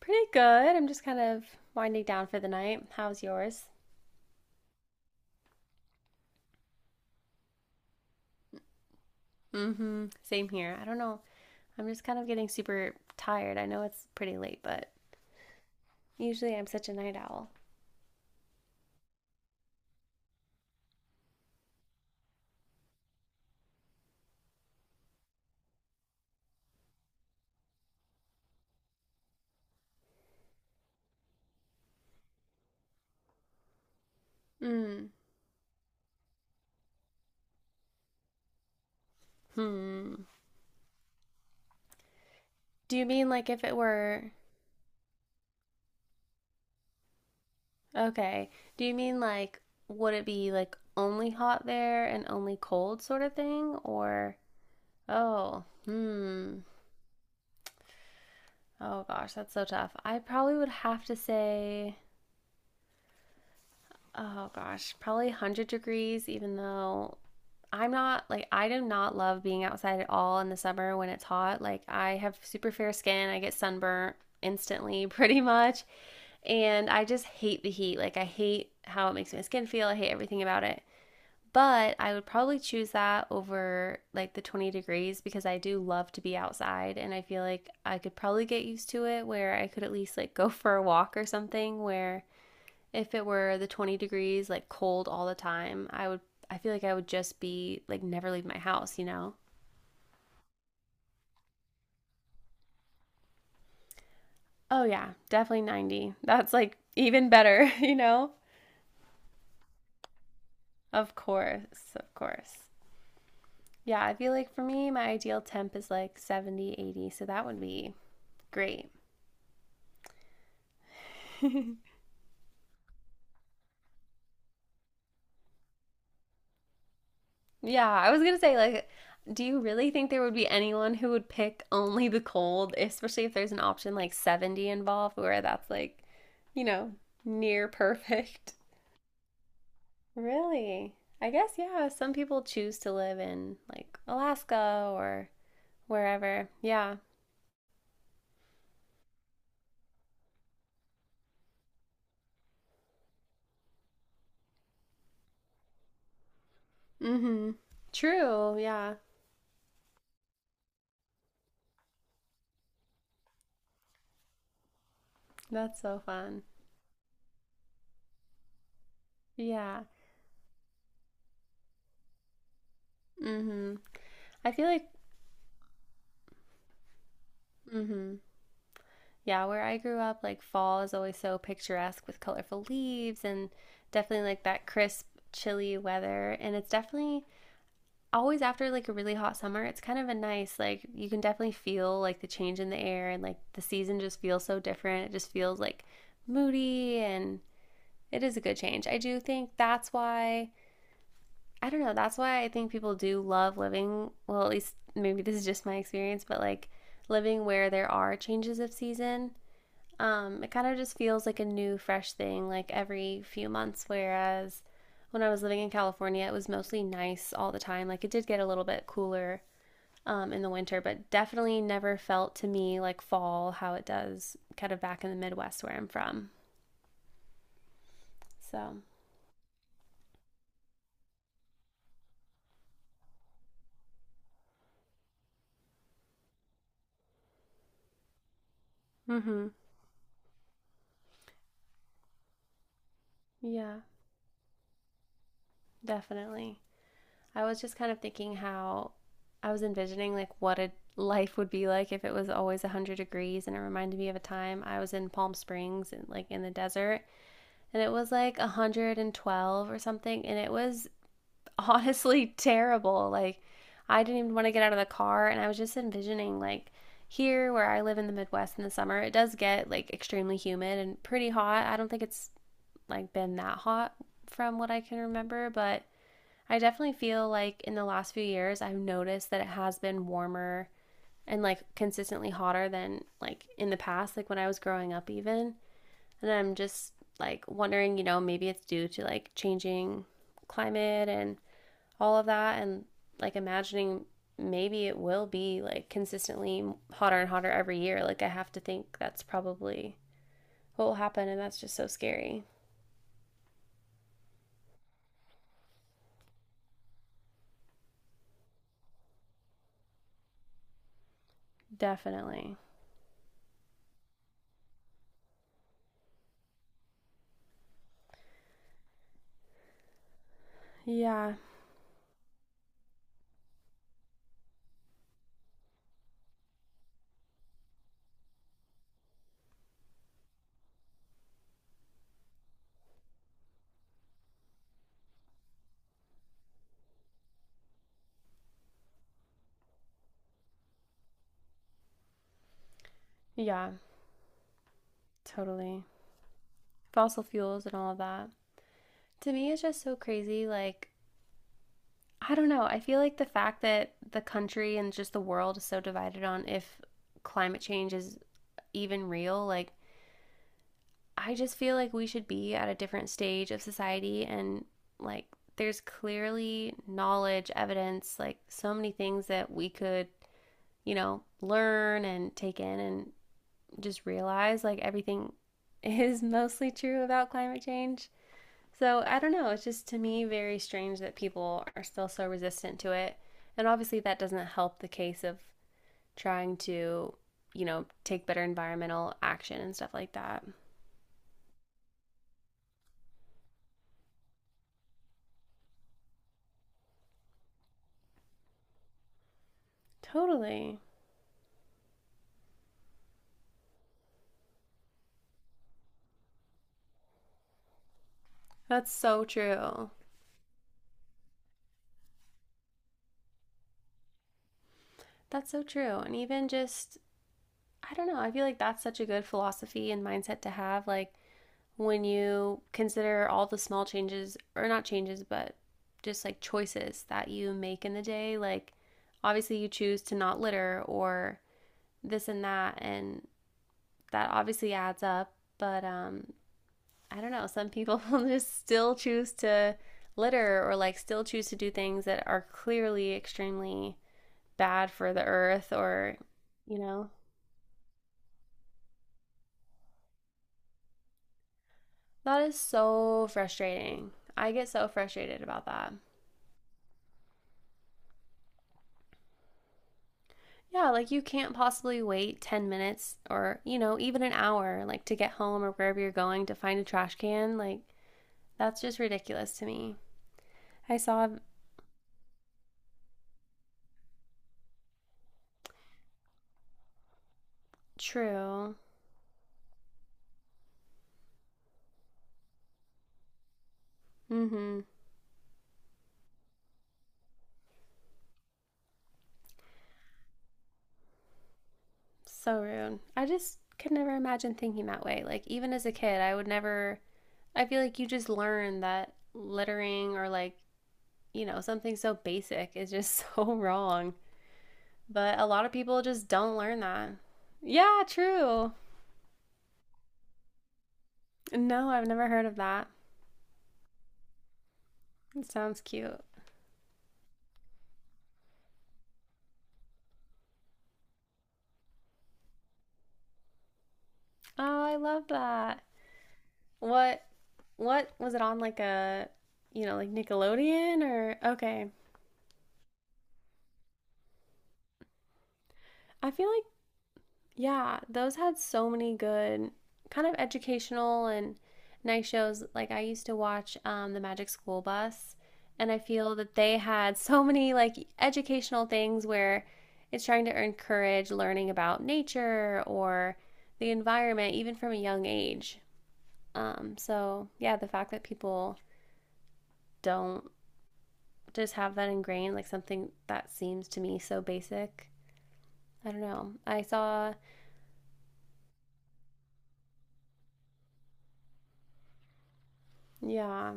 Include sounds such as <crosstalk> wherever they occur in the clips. Pretty good. I'm just kind of Winding down for the night. How's yours? Mm-hmm. Same here. I don't know. I'm just kind of getting super tired. I know it's pretty late, but usually I'm such a night owl. Mm. Hmm. Do you mean like if it were okay? Do you mean like would it be like only hot there and only cold sort of thing or oh, hmm. Oh gosh, that's so tough. I probably would have to say oh gosh, probably 100 degrees even though I'm not like I do not love being outside at all in the summer when it's hot. Like I have super fair skin. I get sunburnt instantly <laughs> pretty much. And I just hate the heat. Like I hate how it makes my skin feel. I hate everything about it. But I would probably choose that over like the 20 degrees because I do love to be outside and I feel like I could probably get used to it where I could at least like go for a walk or something where if it were the 20 degrees, like cold all the time, I would, I feel like I would just be like never leave my house, you know? Oh, yeah, definitely 90. That's like even better, <laughs> you know? Of course, of course. Yeah, I feel like for me, my ideal temp is like 70, 80. So that would be great. Yeah, I was gonna say, like, do you really think there would be anyone who would pick only the cold, especially if there's an option like 70 involved where that's like, you know, near <laughs> perfect? Really? I guess, yeah, some people choose to live in like Alaska or wherever. Yeah. Mm-hmm. True. Yeah. That's so fun. Yeah. Mm-hmm. I feel like, mm-hmm. Yeah, where I grew up, like fall is always so picturesque with colorful leaves and definitely like that crisp, chilly weather. And it's definitely always after like a really hot summer, it's kind of a nice like you can definitely feel like the change in the air and like the season just feels so different. It just feels like moody and it is a good change. I do think that's why I don't know, that's why I think people do love living, well at least maybe this is just my experience, but like living where there are changes of season. It kind of just feels like a new fresh thing like every few months whereas when I was living in California, it was mostly nice all the time. Like it did get a little bit cooler in the winter, but definitely never felt to me like fall how it does kind of back in the Midwest where I'm from. So, mm-hmm. Yeah, definitely. I was just kind of thinking how I was envisioning like what a life would be like if it was always 100 degrees and it reminded me of a time I was in Palm Springs and like in the desert and it was like 112 or something and it was honestly <laughs> terrible. Like, I didn't even want to get out of the car, and I was just envisioning, like, here where I live in the Midwest in the summer, it does get like extremely humid and pretty hot. I don't think it's like been that hot from what I can remember, but I definitely feel like in the last few years, I've noticed that it has been warmer and like consistently hotter than like in the past, like when I was growing up, even. And I'm just like wondering, you know, maybe it's due to like changing climate and all of that and like imagining maybe it will be like consistently hotter and hotter every year. Like I have to think that's probably what will happen and that's just so scary. Definitely. Yeah. Yeah, totally. Fossil fuels and all of that. To me it's just so crazy like I don't know. I feel like the fact that the country and just the world is so divided on if climate change is even real, like I just feel like we should be at a different stage of society and like there's clearly knowledge, evidence, like so many things that we could, you know, learn and take in and just realize like everything <laughs> is mostly true about climate change. So I don't know, it's just to me very strange that people are still so resistant to it. And obviously that doesn't help the case of trying to, you know, take better environmental action and stuff like that. Totally. That's so true. That's so true. And even just, I don't know, I feel like that's such a good philosophy and mindset to have. Like when you consider all the small changes, or not changes, but just like choices that you make in the day, like obviously you choose to not litter or this and that. And that obviously adds up. But I don't know, some people <laughs> just still choose to litter or like still choose to do things that are clearly extremely bad for the earth or, you know, that is so frustrating. I get so frustrated about that. Yeah, like you can't possibly wait 10 minutes or, you know, even an hour, like to get home or wherever you're going to find a trash can. Like, that's just ridiculous to me. I saw true. Mm hmm. So rude. I just could never imagine thinking that way. Like, even as a kid, I would never. I feel like you just learn that littering or like you know, something so basic is just <laughs> so wrong. But a lot of people just don't learn that. Yeah, true. No, I've never heard of that. It sounds cute. Oh, I love that. What was it on like a you know, like Nickelodeon or okay. I feel like yeah, those had so many good kind of educational and nice shows. Like I used to watch The Magic School Bus, and I feel that they had <laughs> so many like educational things where it's trying to encourage learning about nature or the environment, even from a young age. So yeah, the fact that people don't just have that ingrained, like something that seems to me so basic. I don't know. I saw, yeah,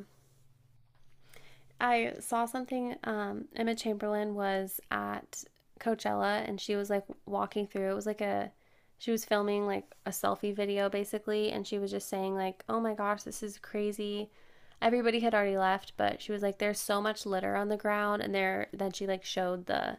I saw something. Emma Chamberlain was at Coachella and she was like walking through. It was like a, she was filming like a selfie video basically, and she was just saying like, "Oh my gosh, this is crazy." Everybody had already left, but she was like, "There's so much litter on the ground," and there. Then she like showed the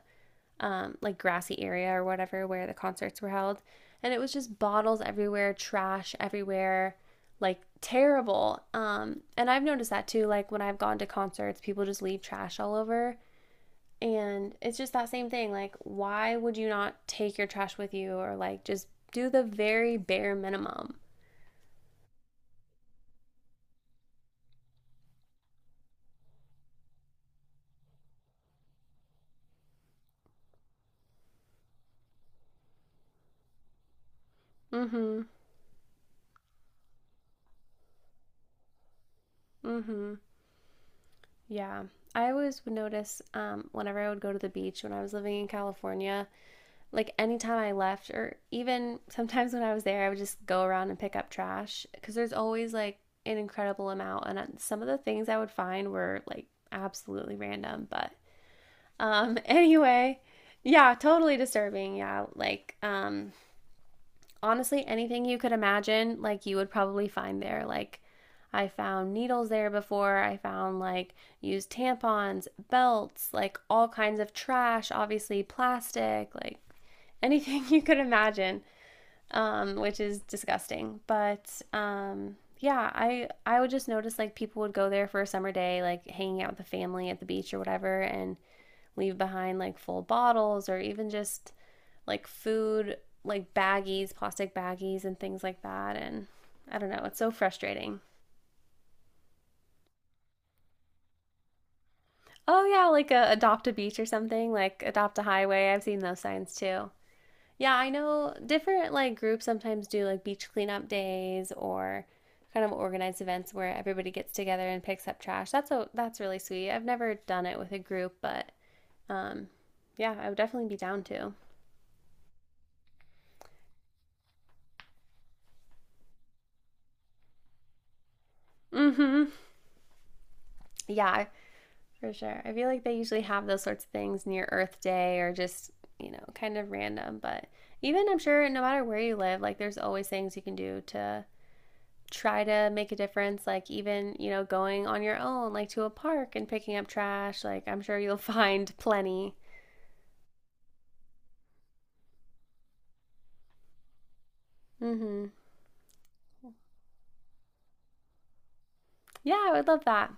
like grassy area or whatever where the concerts were held. And it was just bottles everywhere, trash everywhere, like terrible. And I've noticed that too. Like when I've gone to concerts, people just leave trash all over. And it's just that same thing. Like, why would you not take your trash with you or like just do the very bare minimum? Mm hmm. Mm hmm. Yeah. I always would notice whenever I would go to the beach when I was living in California, like anytime I left, or even sometimes when I was there, I would just go around and pick up trash because there's always like an incredible amount. And some of the things I would find were like absolutely random. But <laughs> anyway, yeah, totally disturbing. Yeah, honestly, anything you could imagine, like you would probably find there. Like I found needles there before. I found like used tampons, belts, like all kinds of trash, obviously plastic, like anything <laughs> you could imagine, which is disgusting. But yeah, I would just notice like people would go there for a summer day, like hanging out with the family at the beach or whatever, and leave behind like full bottles or even just like food, like baggies, plastic baggies, and things like that. And I don't know, it's so frustrating. Oh yeah, like a adopt a beach or something, like adopt a highway. I've seen those signs too. Yeah, I know different like groups sometimes do like beach cleanup days or kind of organized events where everybody gets together and picks up trash. That's really sweet. I've never done it with a group, but um yeah, I would definitely be down to. Mhm. Yeah, for sure. I feel like they usually have those sorts of things near Earth Day or just, you know, kind of random, but even I'm sure no matter where you live, like there's always things you can do to try to make a difference like even you know going on your own like to a park and picking up trash like I'm sure you'll <laughs> find plenty. Mm-hmm. Yeah, I would love that.